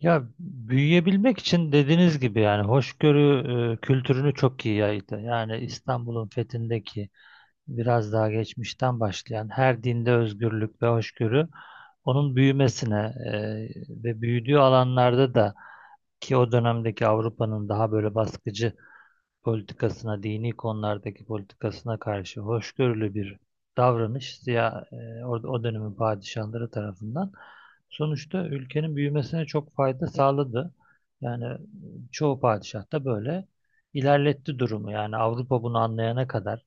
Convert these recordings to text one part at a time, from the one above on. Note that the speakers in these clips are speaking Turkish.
Ya büyüyebilmek için dediğiniz gibi yani hoşgörü kültürünü çok iyi yaydı. Yani İstanbul'un fethindeki biraz daha geçmişten başlayan her dinde özgürlük ve hoşgörü onun büyümesine e, ve büyüdüğü alanlarda da ki o dönemdeki Avrupa'nın daha böyle baskıcı politikasına, dini konulardaki politikasına karşı hoşgörülü bir davranış siya, e, or- o dönemin padişahları tarafından sonuçta ülkenin büyümesine çok fayda sağladı. Yani çoğu padişah da böyle ilerletti durumu. Yani Avrupa bunu anlayana kadar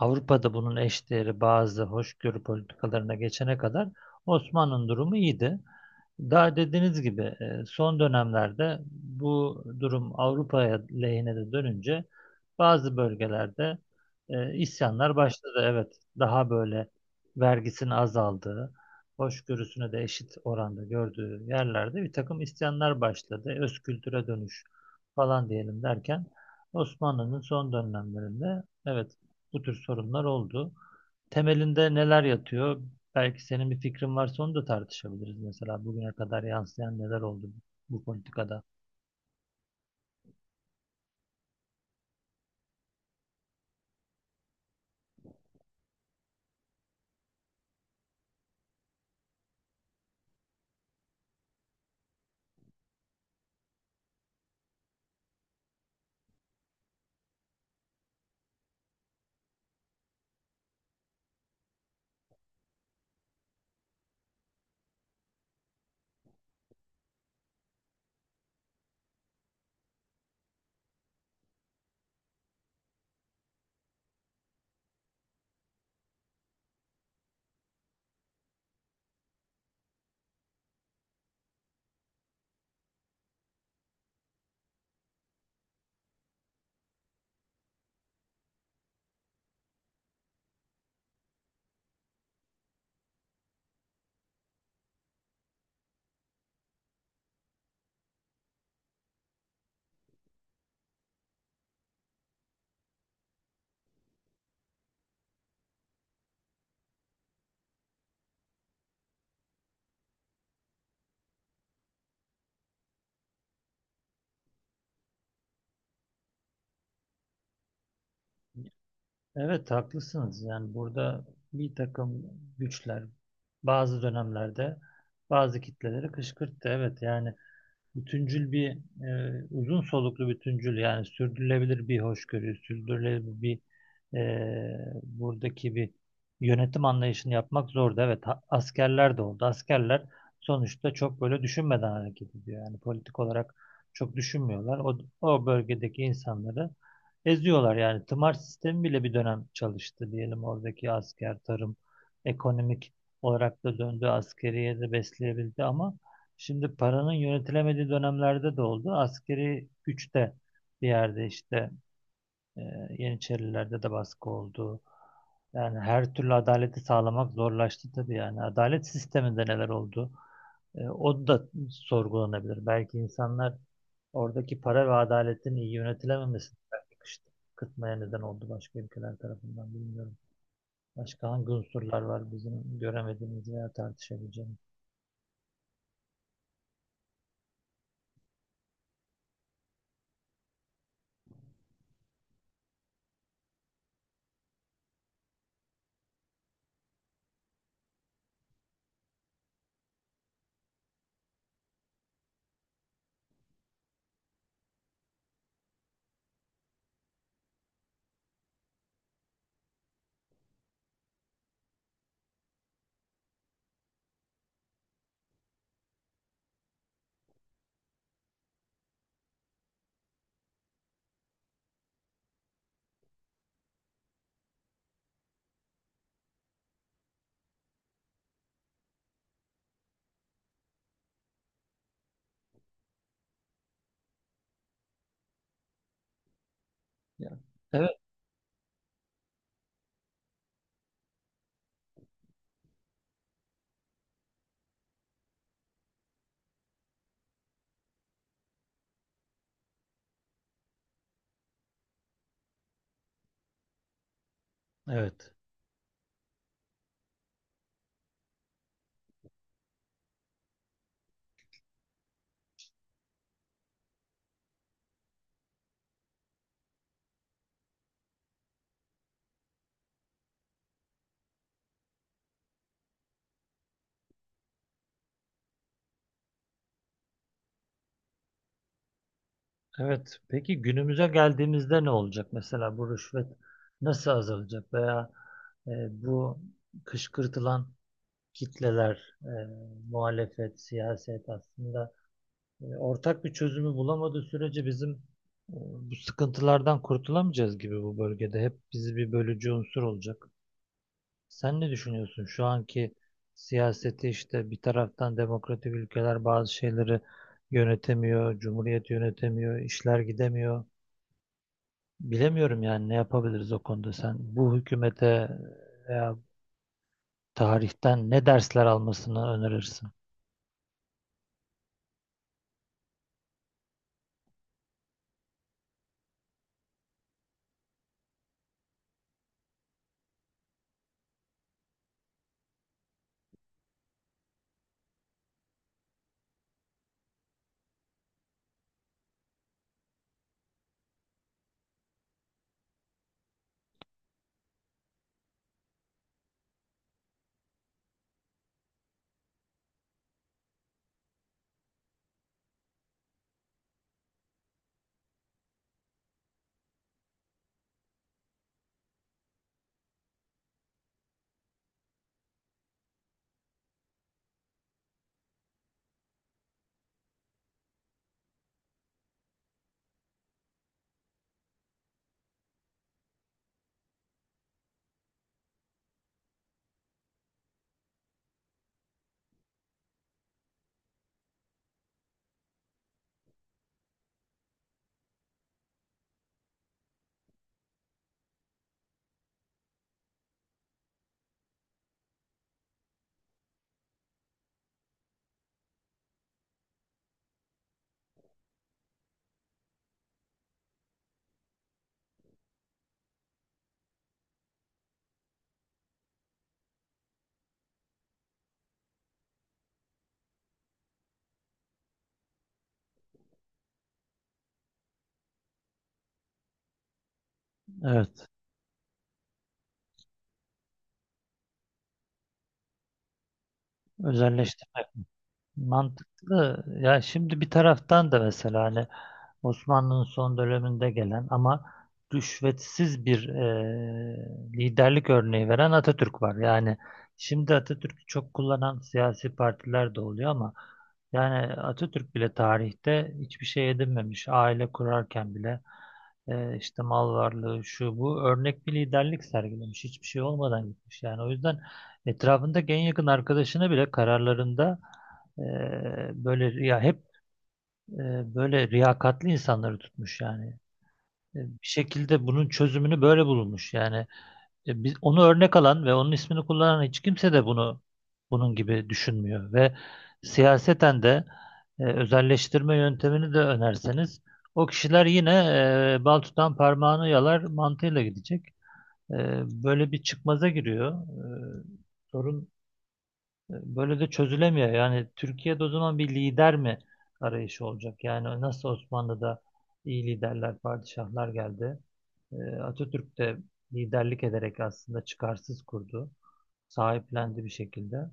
Avrupa'da bunun eşdeğeri bazı hoşgörü politikalarına geçene kadar Osmanlı'nın durumu iyiydi. Daha dediğiniz gibi son dönemlerde bu durum Avrupa'ya lehine de dönünce bazı bölgelerde isyanlar başladı. Evet, daha böyle vergisinin azaldığı, hoşgörüsünü de eşit oranda gördüğü yerlerde bir takım isyanlar başladı. Öz kültüre dönüş falan diyelim derken Osmanlı'nın son dönemlerinde evet bu tür sorunlar oldu. Temelinde neler yatıyor? Belki senin bir fikrin varsa onu da tartışabiliriz. Mesela bugüne kadar yansıyan neler oldu bu politikada? Evet, haklısınız. Yani burada bir takım güçler bazı dönemlerde bazı kitleleri kışkırttı. Evet yani bütüncül bir uzun soluklu bütüncül yani sürdürülebilir bir hoşgörü, sürdürülebilir bir buradaki bir yönetim anlayışını yapmak zordu. Evet, askerler de oldu. Askerler sonuçta çok böyle düşünmeden hareket ediyor. Yani politik olarak çok düşünmüyorlar. O bölgedeki insanları eziyorlar yani. Tımar sistemi bile bir dönem çalıştı diyelim oradaki asker, tarım, ekonomik olarak da döndü, askeriye de besleyebildi ama şimdi paranın yönetilemediği dönemlerde de oldu. Askeri güçte bir yerde işte e, Yeniçerilerde de baskı oldu. Yani her türlü adaleti sağlamak zorlaştı tabii yani. Adalet sisteminde neler oldu? O da sorgulanabilir. Belki insanlar oradaki para ve adaletin iyi yönetilememesi belki kıtmaya neden oldu başka ülkeler tarafından, bilmiyorum. Başka hangi unsurlar var bizim göremediğimiz veya tartışabileceğimiz? Ya. Evet. Evet. Evet. Peki günümüze geldiğimizde ne olacak? Mesela bu rüşvet nasıl azalacak veya e, bu kışkırtılan kitleler, muhalefet, siyaset aslında ortak bir çözümü bulamadığı sürece bizim bu sıkıntılardan kurtulamayacağız gibi bu bölgede. Hep bizi bir bölücü unsur olacak. Sen ne düşünüyorsun? Şu anki siyaseti işte bir taraftan demokratik ülkeler bazı şeyleri yönetemiyor, cumhuriyet yönetemiyor, işler gidemiyor. Bilemiyorum yani ne yapabiliriz o konuda. Sen bu hükümete veya tarihten ne dersler almasını önerirsin? Evet, özelleştirme. Mantıklı. Ya şimdi bir taraftan da mesela hani Osmanlı'nın son döneminde gelen ama rüşvetsiz bir liderlik örneği veren Atatürk var. Yani şimdi Atatürk'ü çok kullanan siyasi partiler de oluyor ama yani Atatürk bile tarihte hiçbir şey edinmemiş. Aile kurarken bile işte mal varlığı şu bu, örnek bir liderlik sergilemiş. Hiçbir şey olmadan gitmiş. Yani o yüzden etrafındaki en yakın arkadaşına bile kararlarında e, böyle ya hep böyle riyakatli insanları tutmuş yani. Bir şekilde bunun çözümünü böyle bulunmuş yani. Biz onu örnek alan ve onun ismini kullanan hiç kimse de bunun gibi düşünmüyor ve siyaseten de özelleştirme yöntemini de önerseniz o kişiler yine bal tutan parmağını yalar mantığıyla gidecek. E, Böyle bir çıkmaza giriyor. E, sorun Böyle de çözülemiyor. Yani Türkiye'de o zaman bir lider mi arayışı olacak? Yani nasıl Osmanlı'da iyi liderler, padişahlar geldi. Atatürk de liderlik ederek aslında çıkarsız kurdu. Sahiplendi bir şekilde.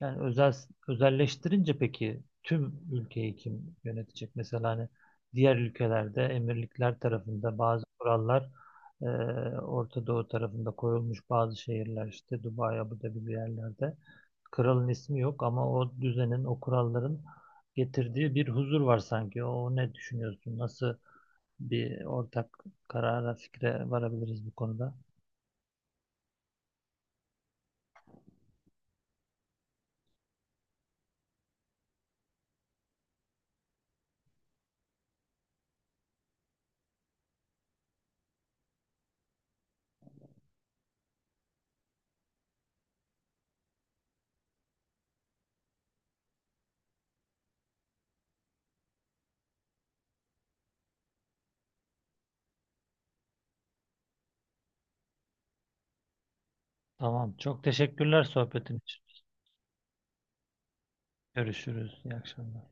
Yani özelleştirince peki tüm ülkeyi kim yönetecek? Mesela hani diğer ülkelerde emirlikler tarafında bazı kurallar e, Orta Doğu tarafında koyulmuş bazı şehirler işte Dubai, Abu Dhabi bir yerlerde. Kralın ismi yok ama o düzenin, o kuralların getirdiği bir huzur var sanki. O ne düşünüyorsun? Nasıl bir ortak karara, fikre varabiliriz bu konuda? Tamam. Çok teşekkürler sohbetin için. Görüşürüz. İyi akşamlar.